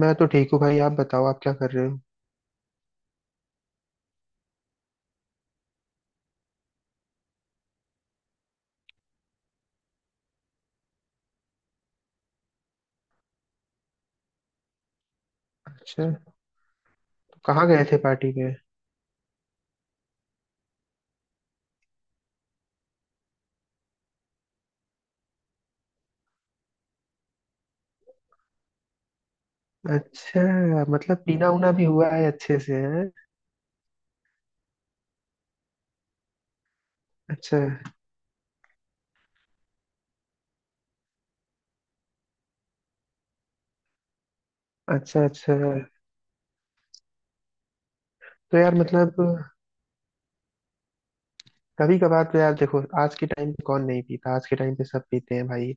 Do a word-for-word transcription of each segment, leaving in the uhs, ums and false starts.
मैं तो ठीक हूँ भाई। आप बताओ आप क्या कर रहे हो। अच्छा, तो कहाँ गए थे पार्टी में। अच्छा मतलब पीना उना भी हुआ है अच्छे से है। अच्छा अच्छा। अच्छा तो यार मतलब कभी कभार तो यार देखो, आज के टाइम पे कौन नहीं पीता। आज के टाइम पे सब पीते हैं भाई।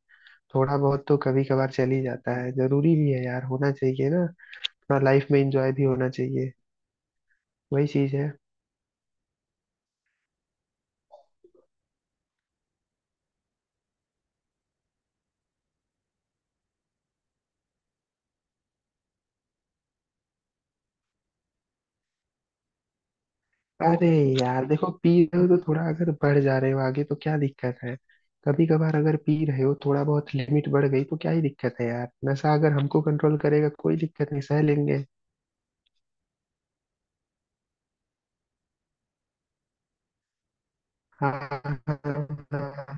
थोड़ा बहुत तो कभी कभार चल ही जाता है, जरूरी भी है यार, होना चाहिए ना। थोड़ा लाइफ में एंजॉय भी होना चाहिए। वही चीज है। अरे यार देखो, पी रहे हो तो थोड़ा अगर बढ़ जा रहे हो आगे तो क्या दिक्कत है। कभी कभार अगर पी रहे हो, थोड़ा बहुत लिमिट बढ़ गई तो क्या ही दिक्कत है यार। नशा अगर हमको कंट्रोल करेगा कोई दिक्कत नहीं, सह लेंगे। हाँ। हाँ हाँ।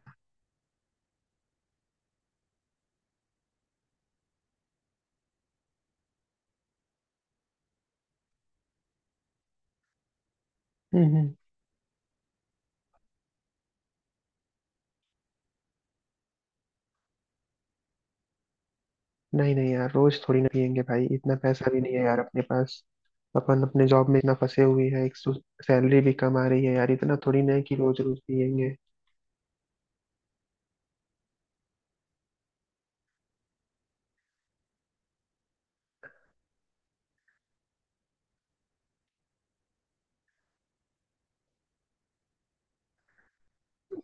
हम्म। हम्म। नहीं नहीं यार, रोज थोड़ी ना पियेंगे भाई, इतना पैसा भी नहीं है यार अपने पास। अपन अपने जॉब में इतना फंसे हुए हैं एक तो। सैलरी भी कम आ रही है यार, इतना थोड़ी ना है कि रोज रोज पियेंगे।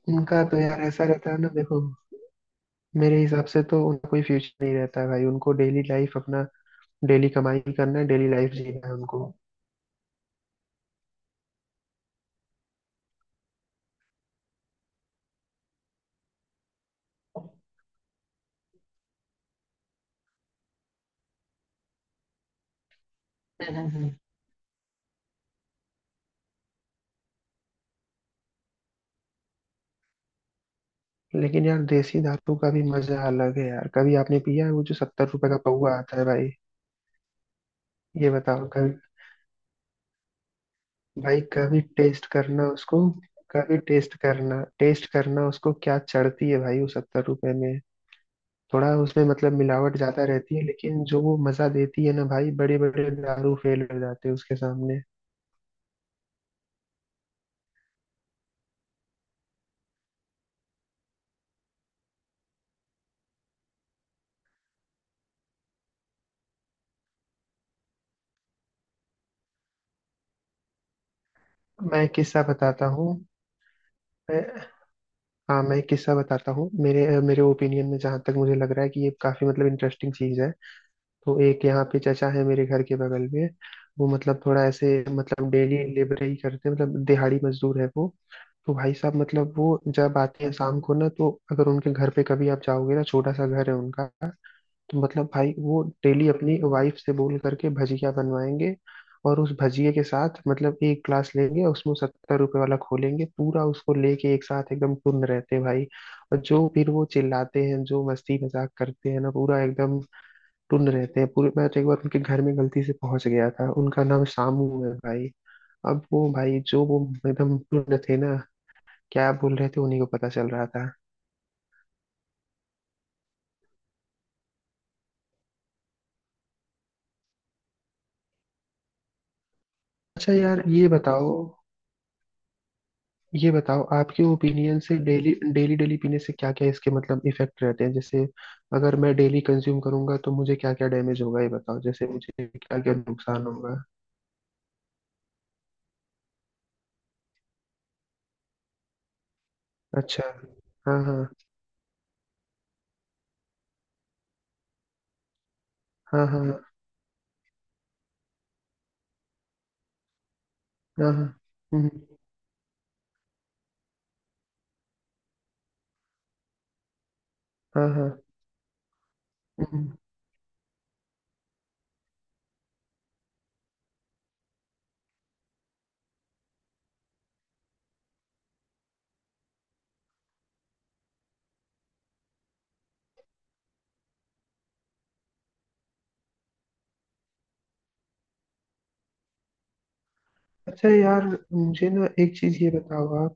उनका तो यार ऐसा रहता है ना देखो। मेरे हिसाब से तो उनका कोई फ्यूचर नहीं रहता है भाई। उनको डेली लाइफ अपना डेली कमाई करना है, डेली लाइफ जीना है उनको। हम्म, हम्म। लेकिन यार देसी दारू का भी मजा अलग है यार। कभी आपने पिया है वो जो सत्तर रुपए का पौवा आता है भाई। ये बताओ कभी। भाई कभी टेस्ट करना उसको। कभी टेस्ट करना, टेस्ट करना उसको, क्या चढ़ती है भाई वो सत्तर रुपए में। थोड़ा उसमें मतलब मिलावट ज्यादा रहती है लेकिन जो वो मजा देती है ना भाई, बड़े बड़े दारू फेल हो जाते हैं उसके सामने। मैं एक किस्सा बताता हूँ। हाँ मैं एक किस्सा बताता हूँ, मेरे मेरे ओपिनियन में, जहाँ तक मुझे लग रहा है कि ये काफी मतलब इंटरेस्टिंग चीज है। तो एक यहाँ पे चचा है मेरे घर के बगल में। वो मतलब थोड़ा ऐसे मतलब डेली लेबर ही करते हैं, मतलब दिहाड़ी मजदूर है वो। तो भाई साहब मतलब वो जब आते हैं शाम को ना, तो अगर उनके घर पे कभी आप जाओगे ना, छोटा सा घर है उनका। तो मतलब भाई वो डेली अपनी वाइफ से बोल करके भजिया बनवाएंगे, और उस भजिए के साथ मतलब एक ग्लास लेंगे और उसमें सत्तर रुपए वाला खोलेंगे पूरा उसको लेके। एक साथ एकदम टुन रहते हैं भाई, और जो फिर वो चिल्लाते हैं जो मस्ती मजाक करते हैं ना, पूरा एकदम टुन रहते हैं पूरे। मैं तो एक बार उनके घर में गलती से पहुंच गया था, उनका नाम शामू है भाई। अब वो भाई जो वो एकदम टुन थे ना, क्या बोल रहे थे उन्हीं को पता चल रहा था। अच्छा यार ये बताओ। ये बताओ आपके ओपिनियन से डेली डेली डेली पीने से क्या क्या इसके मतलब इफेक्ट रहते हैं। जैसे अगर मैं डेली कंज्यूम करूंगा तो मुझे क्या क्या डैमेज होगा ये बताओ, जैसे मुझे क्या क्या नुकसान होगा। अच्छा। हाँ हाँ हाँ हाँ हाँ हाँ। हम्म, हम्म। हाँ हाँ। हम्म। हम्म। अच्छा यार मुझे ना एक चीज ये बताओ आप।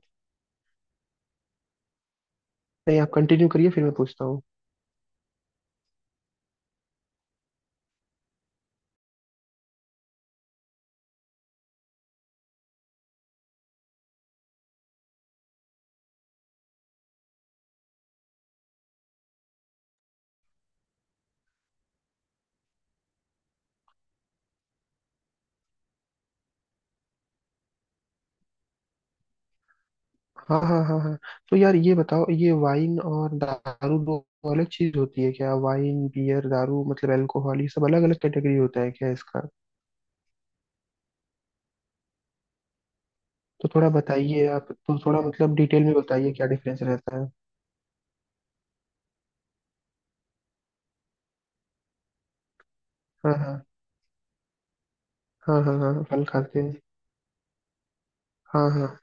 नहीं आप कंटिन्यू करिए फिर मैं पूछता हूँ। हाँ हाँ हाँ हाँ। तो यार ये बताओ, ये वाइन और दारू दो अलग चीज होती है क्या। वाइन, बियर, दारू मतलब अल्कोहल, ये सब अलग अलग कैटेगरी होता है क्या इसका। तो थोड़ा बताइए आप, तो थोड़ा मतलब डिटेल में बताइए क्या डिफरेंस रहता है। हाँ हाँ हाँ हाँ हाँ। फल खाते हैं। हाँ हाँ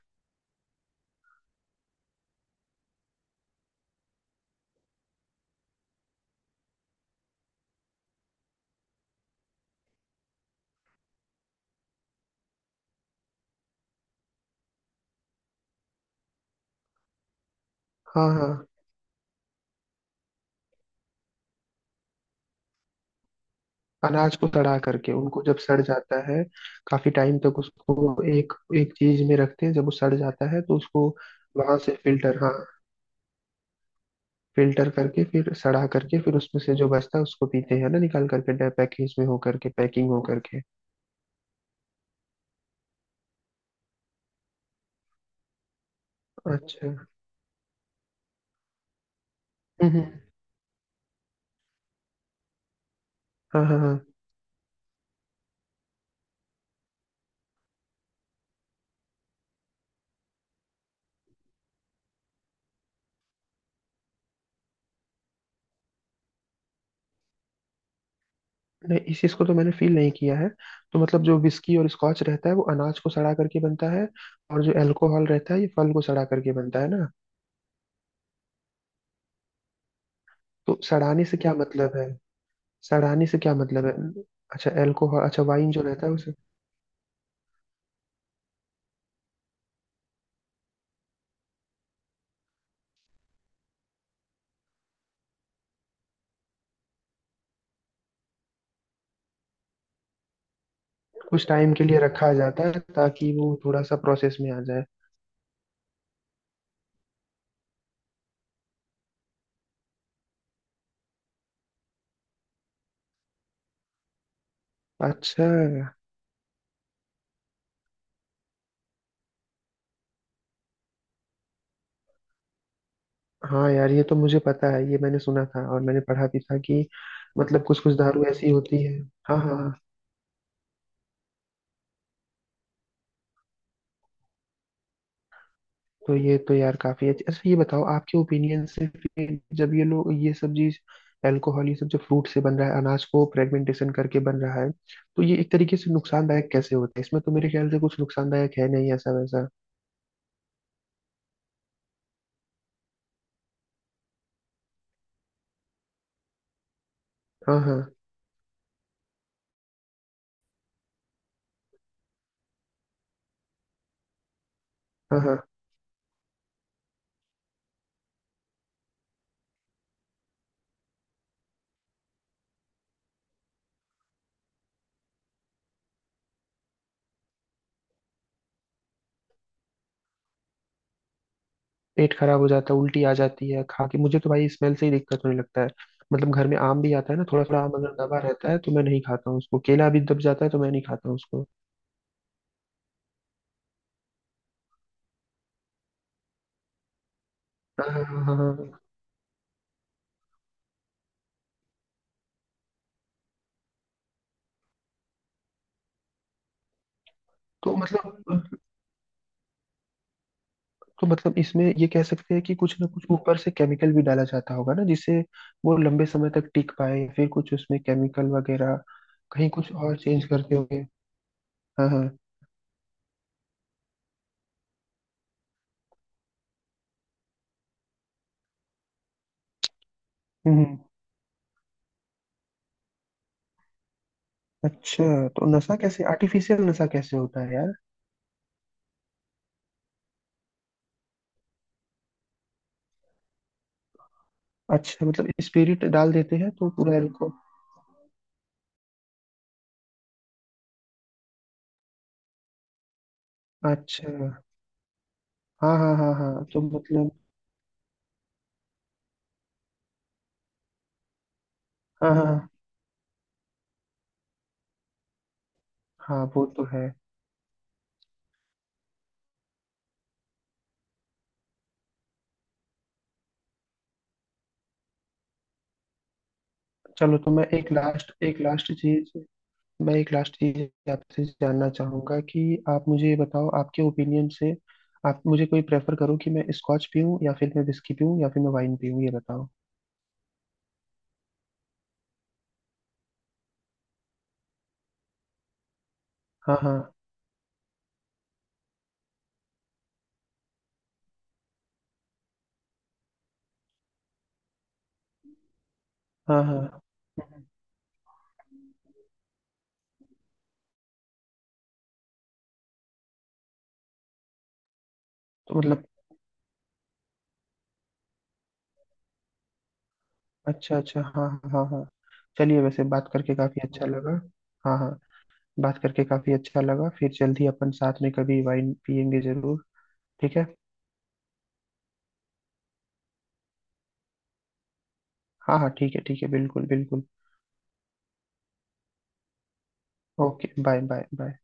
हाँ हाँ। अनाज को सड़ा करके उनको जब सड़ जाता है, काफी टाइम तक उसको एक एक चीज में रखते हैं, जब वो सड़ जाता है तो उसको वहां से फिल्टर। हाँ फिल्टर करके फिर सड़ा करके फिर उसमें से जो बचता है उसको पीते हैं ना, निकाल करके, पैकेज में हो करके, पैकिंग हो करके। अच्छा। हम्म। हम्म। हाँ हाँ हाँ। नहीं इस चीज को तो मैंने फील नहीं किया है। तो मतलब जो विस्की और स्कॉच रहता है वो अनाज को सड़ा करके बनता है, और जो अल्कोहल रहता है ये फल को सड़ा करके बनता है ना। तो सड़ाने से क्या मतलब है। सड़ाने से क्या मतलब है। अच्छा अल्कोहल, अच्छा वाइन जो रहता है उसे कुछ टाइम के लिए रखा जाता है ताकि वो थोड़ा सा प्रोसेस में आ जाए। अच्छा। हाँ यार ये तो मुझे पता है, ये मैंने सुना था और मैंने पढ़ा भी था कि मतलब कुछ कुछ दारू ऐसी होती है। हाँ हाँ हाँ। तो ये तो यार काफी अच्छी, अच्छा ये बताओ आपके ओपिनियन से, फिर जब ये लोग ये सब चीज, अल्कोहल ये सब जो फ्रूट से बन रहा है, अनाज को फ्रेगमेंटेशन करके बन रहा है, तो ये एक तरीके से नुकसानदायक कैसे होता है। इसमें तो मेरे ख्याल से कुछ नुकसानदायक है नहीं ऐसा वैसा। हाँ हाँ हाँ हाँ। पेट खराब हो जाता है, उल्टी आ जाती है खा के, मुझे तो भाई स्मेल से ही दिक्कत होने लगता है। मतलब घर में आम भी आता है ना, थोड़ा थोड़ा आम अगर दबा रहता है तो मैं नहीं खाता हूँ उसको, केला भी दब जाता है तो मैं नहीं खाता हूँ उसको। हाँ हाँ हाँ हाँ हाँ। हाँ। तो मतलब तो मतलब इसमें ये कह सकते हैं कि कुछ ना कुछ ऊपर से केमिकल भी डाला जाता होगा ना, जिससे वो लंबे समय तक टिक पाए, फिर कुछ उसमें केमिकल वगैरह कहीं कुछ और चेंज करते होंगे। हाँ हाँ। हम्म। अच्छा तो नशा कैसे, आर्टिफिशियल नशा कैसे होता है यार। अच्छा मतलब स्पिरिट डाल देते हैं तो पूरा इनको। अच्छा। हाँ हाँ हाँ हाँ तो मतलब। हाँ हाँ हाँ। हाँ, वो तो है। चलो तो मैं एक लास्ट एक लास्ट चीज मैं एक लास्ट चीज आपसे जानना चाहूंगा कि आप मुझे ये बताओ आपके ओपिनियन से। आप मुझे कोई प्रेफर करो कि मैं स्कॉच पीऊँ या फिर मैं विस्की पीऊँ या फिर मैं वाइन पीऊँ ये बताओ। हाँ हाँ हाँ हाँ। हम्म। तो मतलब। अच्छा अच्छा हाँ हाँ हाँ हाँ। चलिए वैसे बात करके काफी अच्छा लगा। हाँ हाँ। बात करके काफी अच्छा लगा, फिर जल्दी अपन साथ में कभी वाइन पियेंगे जरूर। ठीक है। हाँ हाँ ठीक है ठीक है बिल्कुल बिल्कुल। Okay bye bye bye.